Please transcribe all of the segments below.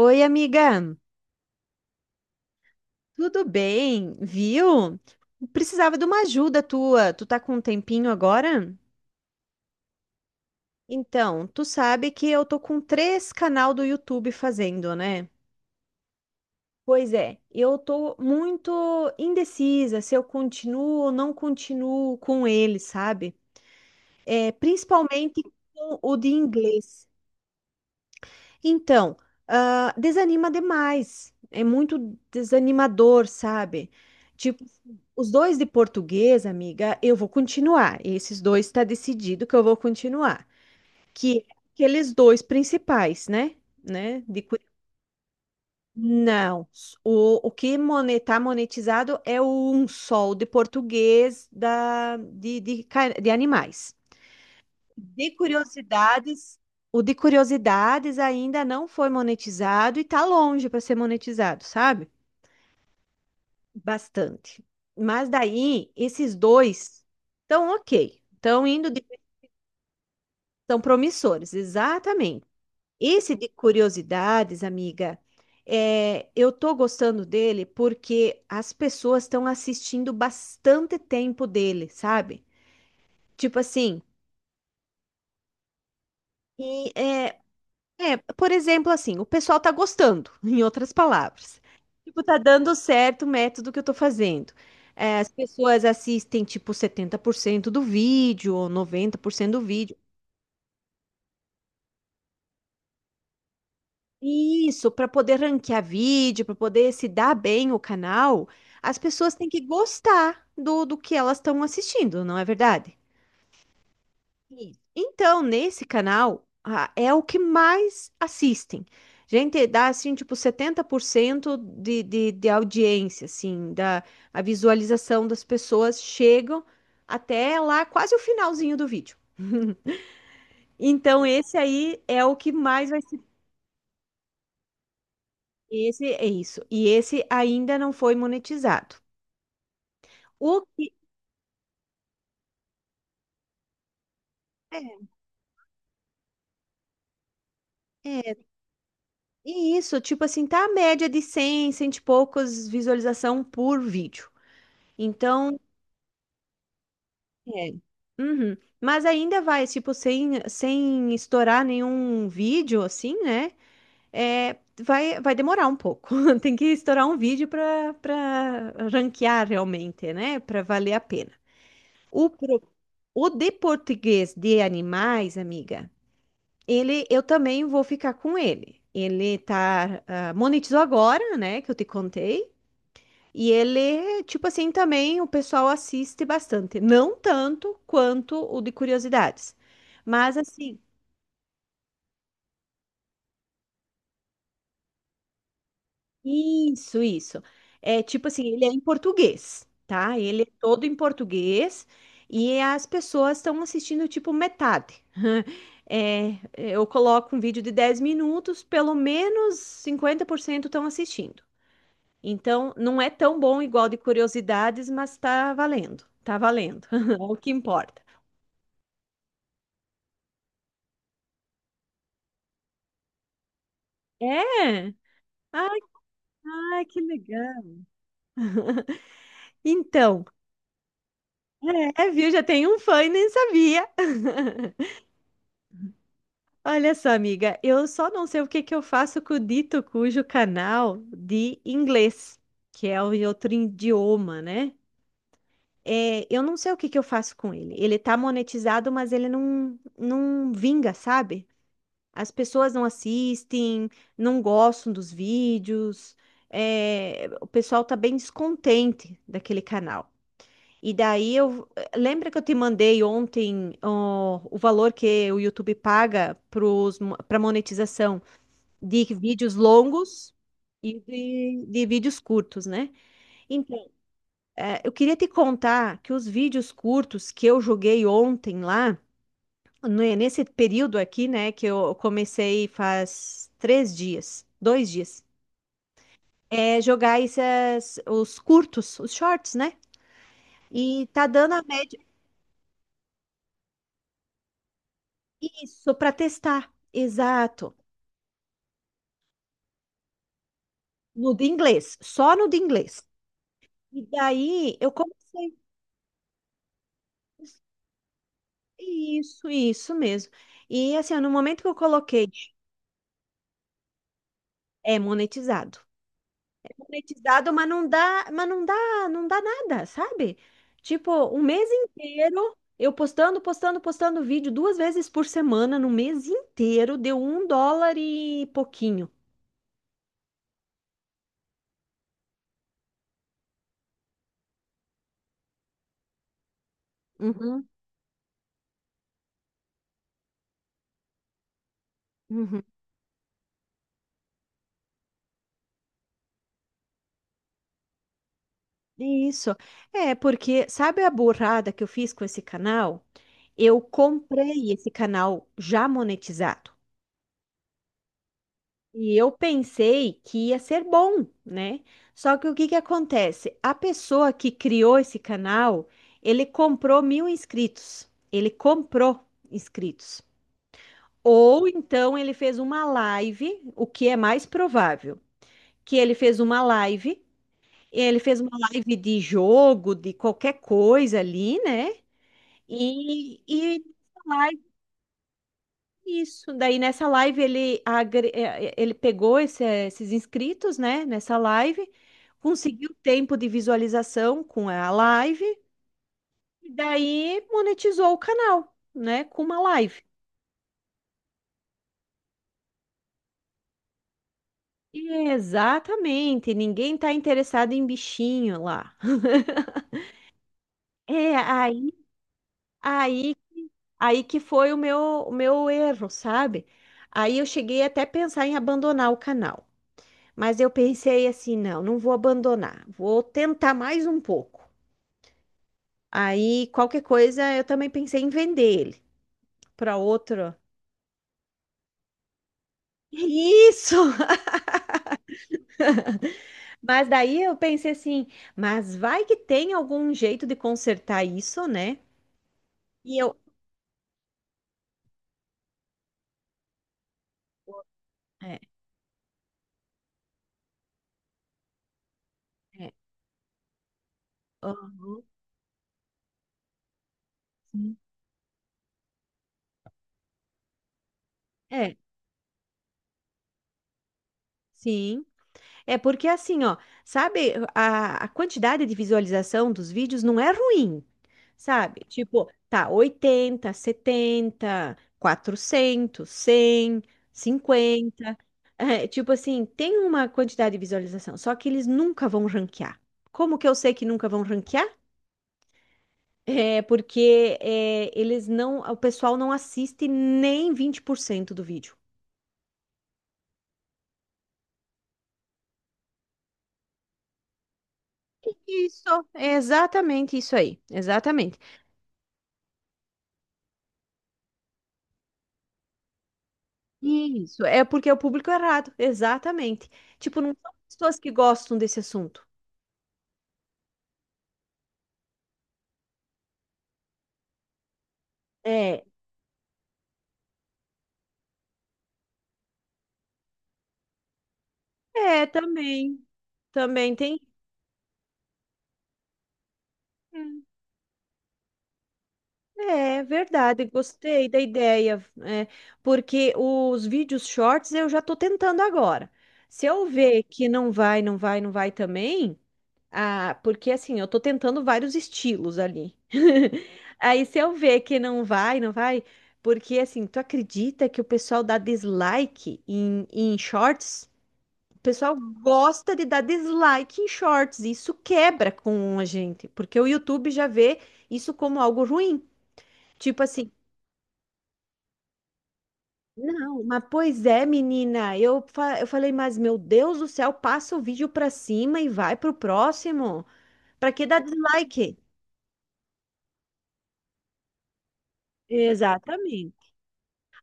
Oi, amiga, tudo bem? Viu? Precisava de uma ajuda tua. Tu tá com um tempinho agora? Então, tu sabe que eu tô com 3 canal do YouTube fazendo, né? Pois é, eu tô muito indecisa se eu continuo ou não continuo com ele, sabe? Principalmente com o de inglês. Então, desanima demais. É muito desanimador, sabe? Tipo, os dois de português, amiga, eu vou continuar. Esses dois está decidido que eu vou continuar. Que é aqueles dois principais, né? Né? De Curi- Não. O que está monetizado é o um sol de português da, de, ca- de animais. De curiosidades, o de curiosidades ainda não foi monetizado e tá longe para ser monetizado, sabe? Bastante. Mas daí, esses dois estão ok, estão estão promissores, exatamente. Esse de curiosidades, amiga, eu tô gostando dele porque as pessoas estão assistindo bastante tempo dele, sabe? Tipo assim, e, é, é, por exemplo, assim, o pessoal tá gostando, em outras palavras. Tipo, tá dando certo o método que eu tô fazendo. É, as pessoas assistem, tipo, 70% do vídeo, ou 90% do vídeo. Isso, para poder ranquear vídeo, para poder se dar bem o canal, as pessoas têm que gostar do que elas estão assistindo, não é verdade? Isso. Então, nesse canal, ah, é o que mais assistem. Gente, dá assim, tipo, 70% de audiência, assim, da a visualização das pessoas chegam até lá, quase o finalzinho do vídeo. Então, esse aí é o que mais vai ser. Esse é isso. E esse ainda não foi monetizado. O que. É, é, e isso, tipo assim, tá a média de 100 100 e poucos visualização por vídeo. Então, É. Uhum. Mas ainda vai, tipo, sem estourar nenhum vídeo, assim, né? É, vai, vai demorar um pouco. Tem que estourar um vídeo para para ranquear realmente, né? Para valer a pena. O, pro- o de português de animais, amiga, ele eu também vou ficar com ele. Ele tá, ah, monetizou agora, né? Que eu te contei. E ele, tipo assim, também o pessoal assiste bastante. Não tanto quanto o de curiosidades. Mas assim, isso. É tipo assim, ele é em português, tá? Ele é todo em português e as pessoas estão assistindo tipo metade. É, eu coloco um vídeo de 10 minutos, pelo menos 50% estão assistindo. Então, não é tão bom igual de curiosidades, mas tá valendo. Tá valendo. É o que importa. É? Ai, ai, que legal. Então, é, viu? Já tem um fã e nem sabia. Olha só, amiga, eu só não sei o que que eu faço com o dito cujo canal de inglês, que é o em outro idioma, né? É, eu não sei o que que eu faço com ele. Ele tá monetizado, mas ele não vinga, sabe? As pessoas não assistem, não gostam dos vídeos. É, o pessoal tá bem descontente daquele canal. E daí eu lembra que eu te mandei ontem ó, o valor que o YouTube paga para monetização de vídeos longos e de vídeos curtos, né? Então, eu queria te contar que os vídeos curtos que eu joguei ontem lá, né, nesse período aqui, né, que eu comecei faz 3 dias, 2 dias, é jogar esses, os curtos, os shorts, né? E tá dando Isso, para testar. Exato. No de inglês, só no de inglês. E daí eu comecei. Isso mesmo. E assim, no momento que eu coloquei, é monetizado. É monetizado, mas não dá, não dá nada, sabe? Tipo, um mês inteiro eu postando vídeo 2 vezes por semana, no mês inteiro, deu $1 e pouquinho. Uhum, uhum. Isso. É, porque sabe a burrada que eu fiz com esse canal? Eu comprei esse canal já monetizado. E eu pensei que ia ser bom, né? Só que o que que acontece? A pessoa que criou esse canal, ele comprou 1.000 inscritos. Ele comprou inscritos. Ou então ele fez uma live, o que é mais provável, que ele fez uma live, ele fez uma live de jogo, de qualquer coisa ali, né? E, e live isso. Daí nessa live ele, ele pegou esse- esses inscritos, né? Nessa live, conseguiu tempo de visualização com a live, e daí monetizou o canal, né? Com uma live. Exatamente, ninguém tá interessado em bichinho lá. É, aí, aí, aí que foi o meu erro, sabe? Aí eu cheguei até a pensar em abandonar o canal. Mas eu pensei assim, não, não vou abandonar, vou tentar mais um pouco. Aí, qualquer coisa, eu também pensei em vender ele para outro. Isso! Mas daí eu pensei assim, mas vai que tem algum jeito de consertar isso, né? E eu. É, é. Aham, sim. É, sim. É porque assim, ó, sabe, a quantidade de visualização dos vídeos não é ruim, sabe? Tipo, tá 80, 70, 400, 100, 50, É, tipo assim, tem uma quantidade de visualização, só que eles nunca vão ranquear. Como que eu sei que nunca vão ranquear? É porque eles não, o pessoal não assiste nem 20% do vídeo. Isso, é exatamente isso aí, exatamente. Isso, é porque é o público errado, exatamente. Tipo, não são pessoas que gostam desse assunto. É, também, também tem. É, verdade, gostei da ideia, é, porque os vídeos shorts eu já tô tentando agora. Se eu ver que não vai também, ah, porque assim, eu tô tentando vários estilos ali. Aí se eu ver que não vai, porque assim, tu acredita que o pessoal dá dislike em, em shorts? O pessoal gosta de dar dislike em shorts, e isso quebra com a gente, porque o YouTube já vê isso como algo ruim. Tipo assim, não, mas pois é, menina, eu, eu falei, mas meu Deus do céu, passa o vídeo pra cima e vai pro próximo. Pra que dar dislike? Exatamente.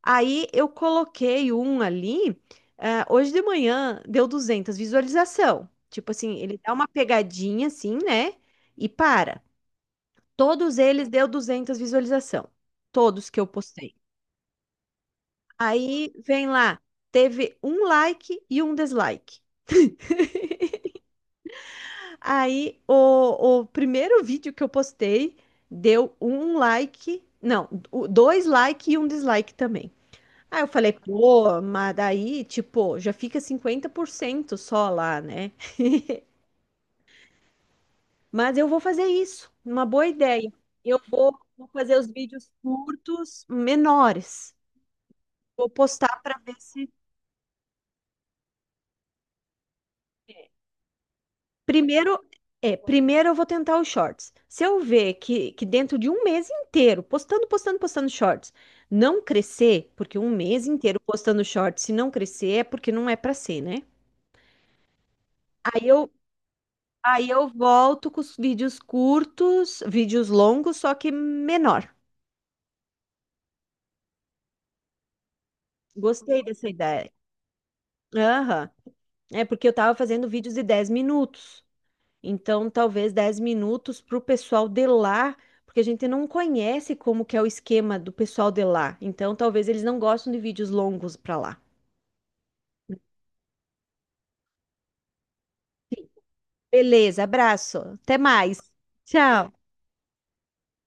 Aí eu coloquei um ali. Ah, hoje de manhã deu 200 visualização. Tipo assim, ele dá uma pegadinha assim, né? E para. Todos eles deu 200 visualização. Todos que eu postei. Aí vem lá, teve um like e um dislike. Aí o primeiro vídeo que eu postei deu um like, não, dois like e um dislike também. Aí eu falei, pô, mas daí, tipo, já fica 50% só lá, né? Mas eu vou fazer isso, uma boa ideia. Eu vou fazer os vídeos curtos, menores. Vou postar para ver se. Primeiro, primeiro eu vou tentar os shorts. Se eu ver que dentro de um mês inteiro, postando shorts, não crescer, porque um mês inteiro postando shorts, se não crescer, é porque não é para ser, né? Aí eu Aí eu volto com os vídeos curtos, vídeos longos, só que menor. Gostei dessa ideia. Aham. É porque eu tava fazendo vídeos de 10 minutos. Então, talvez 10 minutos para o pessoal de lá, porque a gente não conhece como que é o esquema do pessoal de lá. Então, talvez eles não gostam de vídeos longos para lá. Beleza, abraço. Até mais. Tchau.